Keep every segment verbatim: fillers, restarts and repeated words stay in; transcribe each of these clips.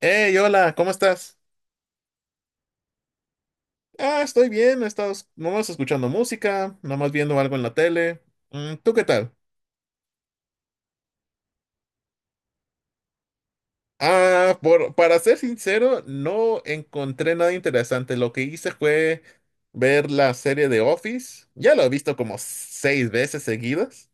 Hey, hola, ¿cómo estás? Ah, estoy bien, he estado es- nomás escuchando música, nomás viendo algo en la tele. Mm, ¿tú qué tal? Ah, por, para ser sincero, no encontré nada interesante. Lo que hice fue ver la serie de Office. Ya lo he visto como seis veces seguidas,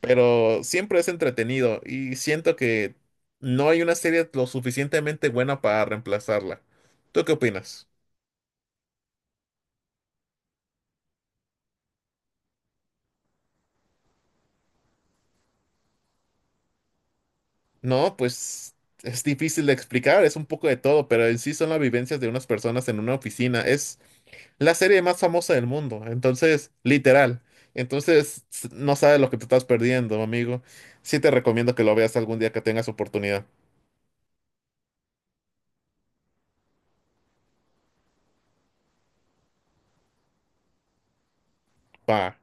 pero siempre es entretenido y siento que no hay una serie lo suficientemente buena para reemplazarla. ¿Tú qué opinas? No, pues es difícil de explicar, es un poco de todo, pero en sí son las vivencias de unas personas en una oficina. Es la serie más famosa del mundo, entonces, literal. Entonces, s- no sabes lo que te estás perdiendo, amigo. Sí te recomiendo que lo veas algún día que tengas oportunidad. Pa.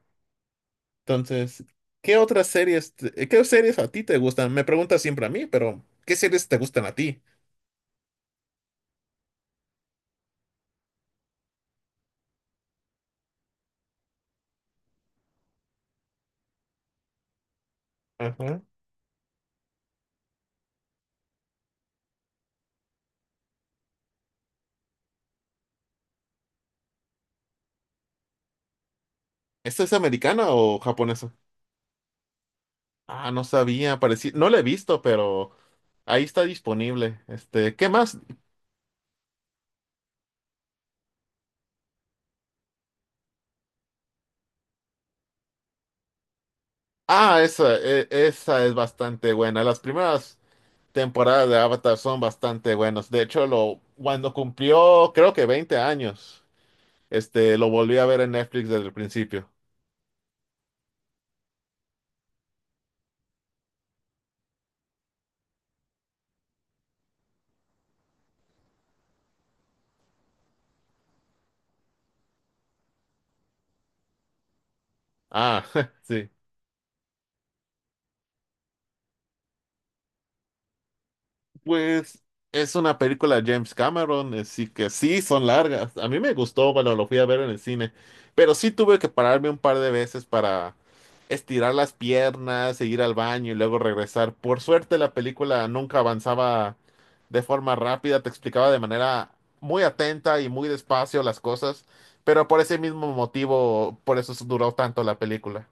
Entonces, ¿qué otras series, te- qué series a ti te gustan? Me preguntas siempre a mí, pero ¿qué series te gustan a ti? Ajá. ¿Esta es americana o japonesa? Ah, no sabía, parecía, no la he visto, pero ahí está disponible. Este, ¿qué más? Ah, esa, e- esa es bastante buena. Las primeras temporadas de Avatar son bastante buenas. De hecho, lo, cuando cumplió, creo que veinte años, este, lo volví a ver en Netflix desde el principio. Ah, sí. Pues es una película de James Cameron, así que sí, son largas. A mí me gustó cuando lo fui a ver en el cine, pero sí tuve que pararme un par de veces para estirar las piernas, e ir al baño y luego regresar. Por suerte la película nunca avanzaba de forma rápida, te explicaba de manera muy atenta y muy despacio las cosas, pero por ese mismo motivo, por eso duró tanto la película.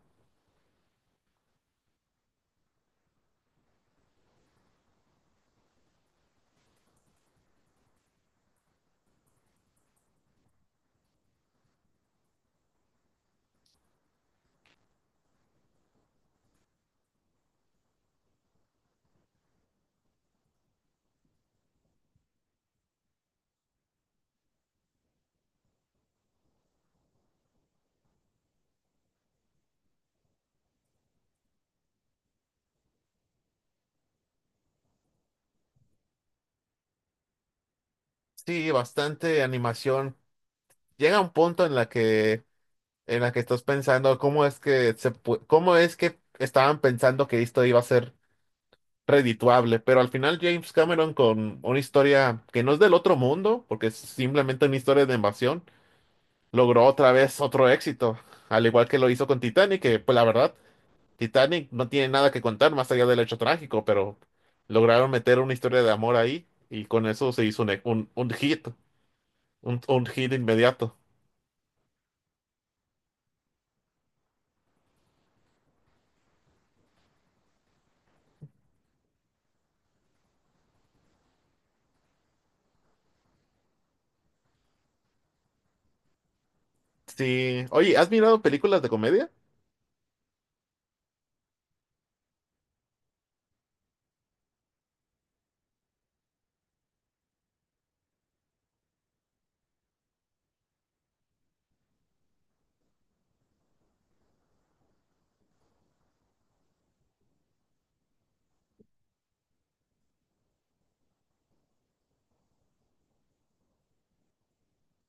Sí, bastante animación. Llega un punto en la que en la que estás pensando cómo es que se pu- cómo es que estaban pensando que esto iba a ser redituable, pero al final James Cameron, con una historia que no es del otro mundo, porque es simplemente una historia de invasión, logró otra vez otro éxito, al igual que lo hizo con Titanic, que pues la verdad, Titanic no tiene nada que contar más allá del hecho trágico, pero lograron meter una historia de amor ahí y con eso se hizo un, e- un, un hit, un, un hit inmediato. Sí, oye, ¿has mirado películas de comedia?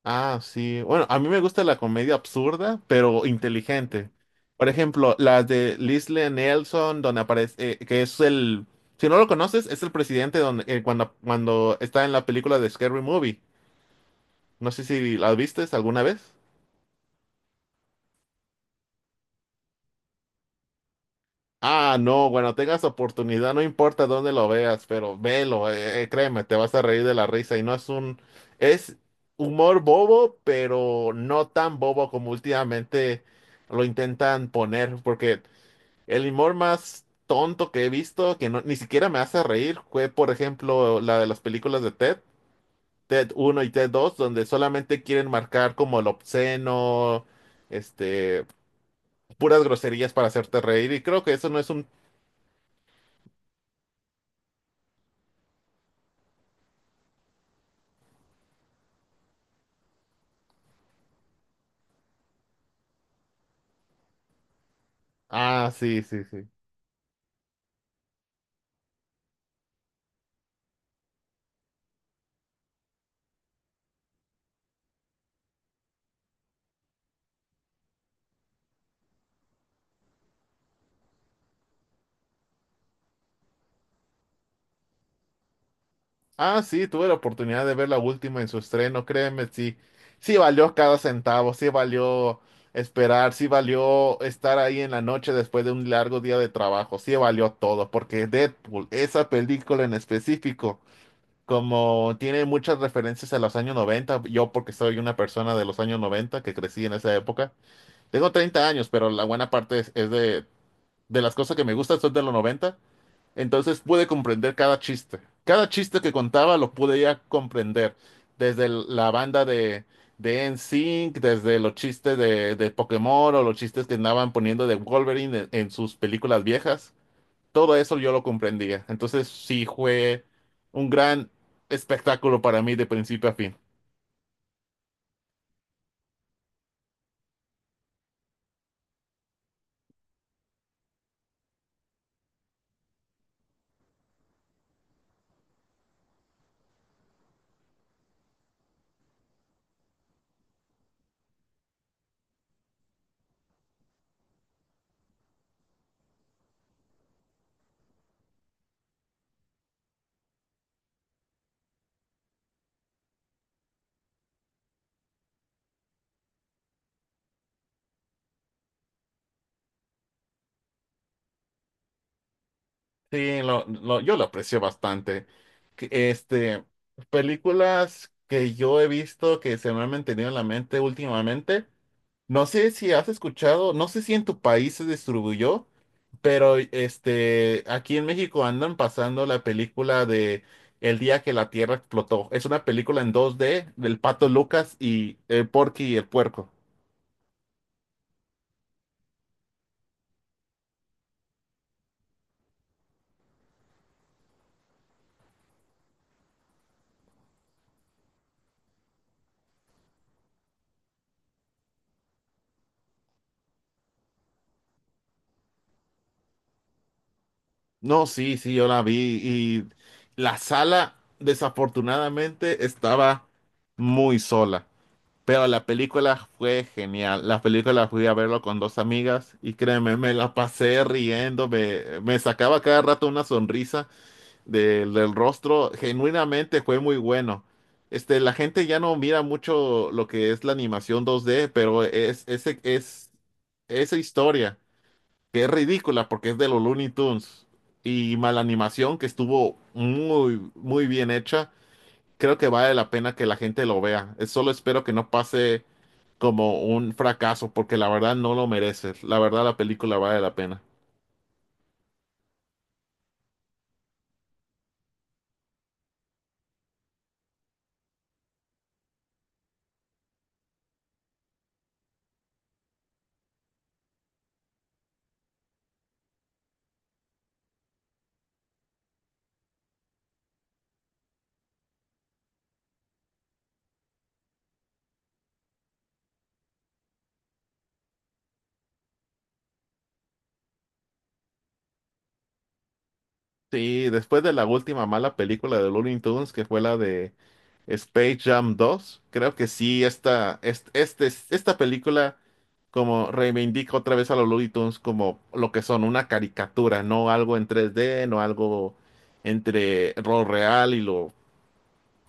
Ah, sí. Bueno, a mí me gusta la comedia absurda, pero inteligente. Por ejemplo, las de Leslie Nelson, donde aparece, eh, que es el, si no lo conoces, es el presidente donde, eh, cuando, cuando está en la película de Scary Movie. No sé si la viste alguna vez. Ah, no, bueno, tengas oportunidad, no importa dónde lo veas, pero velo, eh, eh, créeme, te vas a reír de la risa y no es un, es humor bobo, pero no tan bobo como últimamente lo intentan poner, porque el humor más tonto que he visto, que no- ni siquiera me hace reír, fue, por ejemplo, la de las películas de Ted, Ted uno y Ted dos, donde solamente quieren marcar como el obsceno, este, puras groserías para hacerte reír. Y creo que eso no es un... Ah, sí, sí, sí. Ah, sí, tuve la oportunidad de ver la última en su estreno, créeme, sí, sí valió cada centavo, sí valió esperar, sí valió estar ahí en la noche después de un largo día de trabajo, sí valió todo, porque Deadpool, esa película en específico, como tiene muchas referencias a los años noventa, yo porque soy una persona de los años noventa que crecí en esa época, tengo treinta años, pero la buena parte es, es de, de las cosas que me gustan son de los noventa. Entonces pude comprender cada chiste. Cada chiste que contaba lo podía comprender. Desde el- la banda de, de N sync, desde los chistes de, de Pokémon o los chistes que andaban poniendo de Wolverine en, en sus películas viejas. Todo eso yo lo comprendía. Entonces sí fue un gran espectáculo para mí de principio a fin. Sí, lo- lo- yo lo aprecio bastante. Que- Este, películas que yo he visto que se me han mantenido en la mente últimamente. No sé si has escuchado, no sé si en tu país se distribuyó, pero este, aquí en México andan pasando la película de El día que la Tierra explotó. Es una película en dos d del Pato Lucas y el Porky y el Puerco. No, sí, sí, yo la vi y la sala desafortunadamente estaba muy sola. Pero la película fue genial. La película fui a verlo con dos amigas y créeme, me la pasé riendo, me, me sacaba cada rato una sonrisa del del rostro. Genuinamente fue muy bueno. Este, la gente ya no mira mucho lo que es la animación dos D, pero es, ese, es esa historia, que es ridícula porque es de los Looney Tunes y mala animación que estuvo muy, muy bien hecha. Creo que vale la pena que la gente lo vea. Eh, Solo espero que no pase como un fracaso, porque la verdad no lo mereces. La verdad la película vale la pena. Sí, después de la última mala película de Looney Tunes, que fue la de Space Jam dos, creo que sí, esta, est- este, esta película como reivindica otra vez a los Looney Tunes como lo que son, una caricatura, no algo en tres D, no algo entre lo real y lo,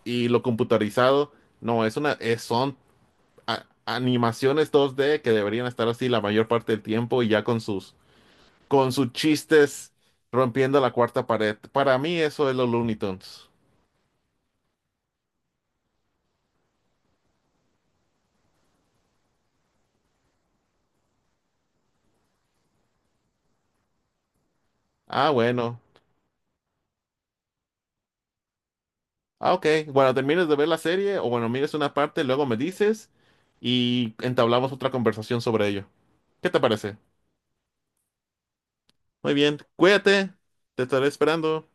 y lo computarizado. No, es una, es- son a- animaciones dos D que deberían estar así la mayor parte del tiempo y ya con sus con sus chistes rompiendo la cuarta pared. Para mí eso es los Looney Tunes. Ah, bueno. Ah, ok. Bueno, termines de ver la serie o bueno, mires una parte, luego me dices y entablamos otra conversación sobre ello. ¿Qué te parece? Muy bien. Cuídate. Te estaré esperando.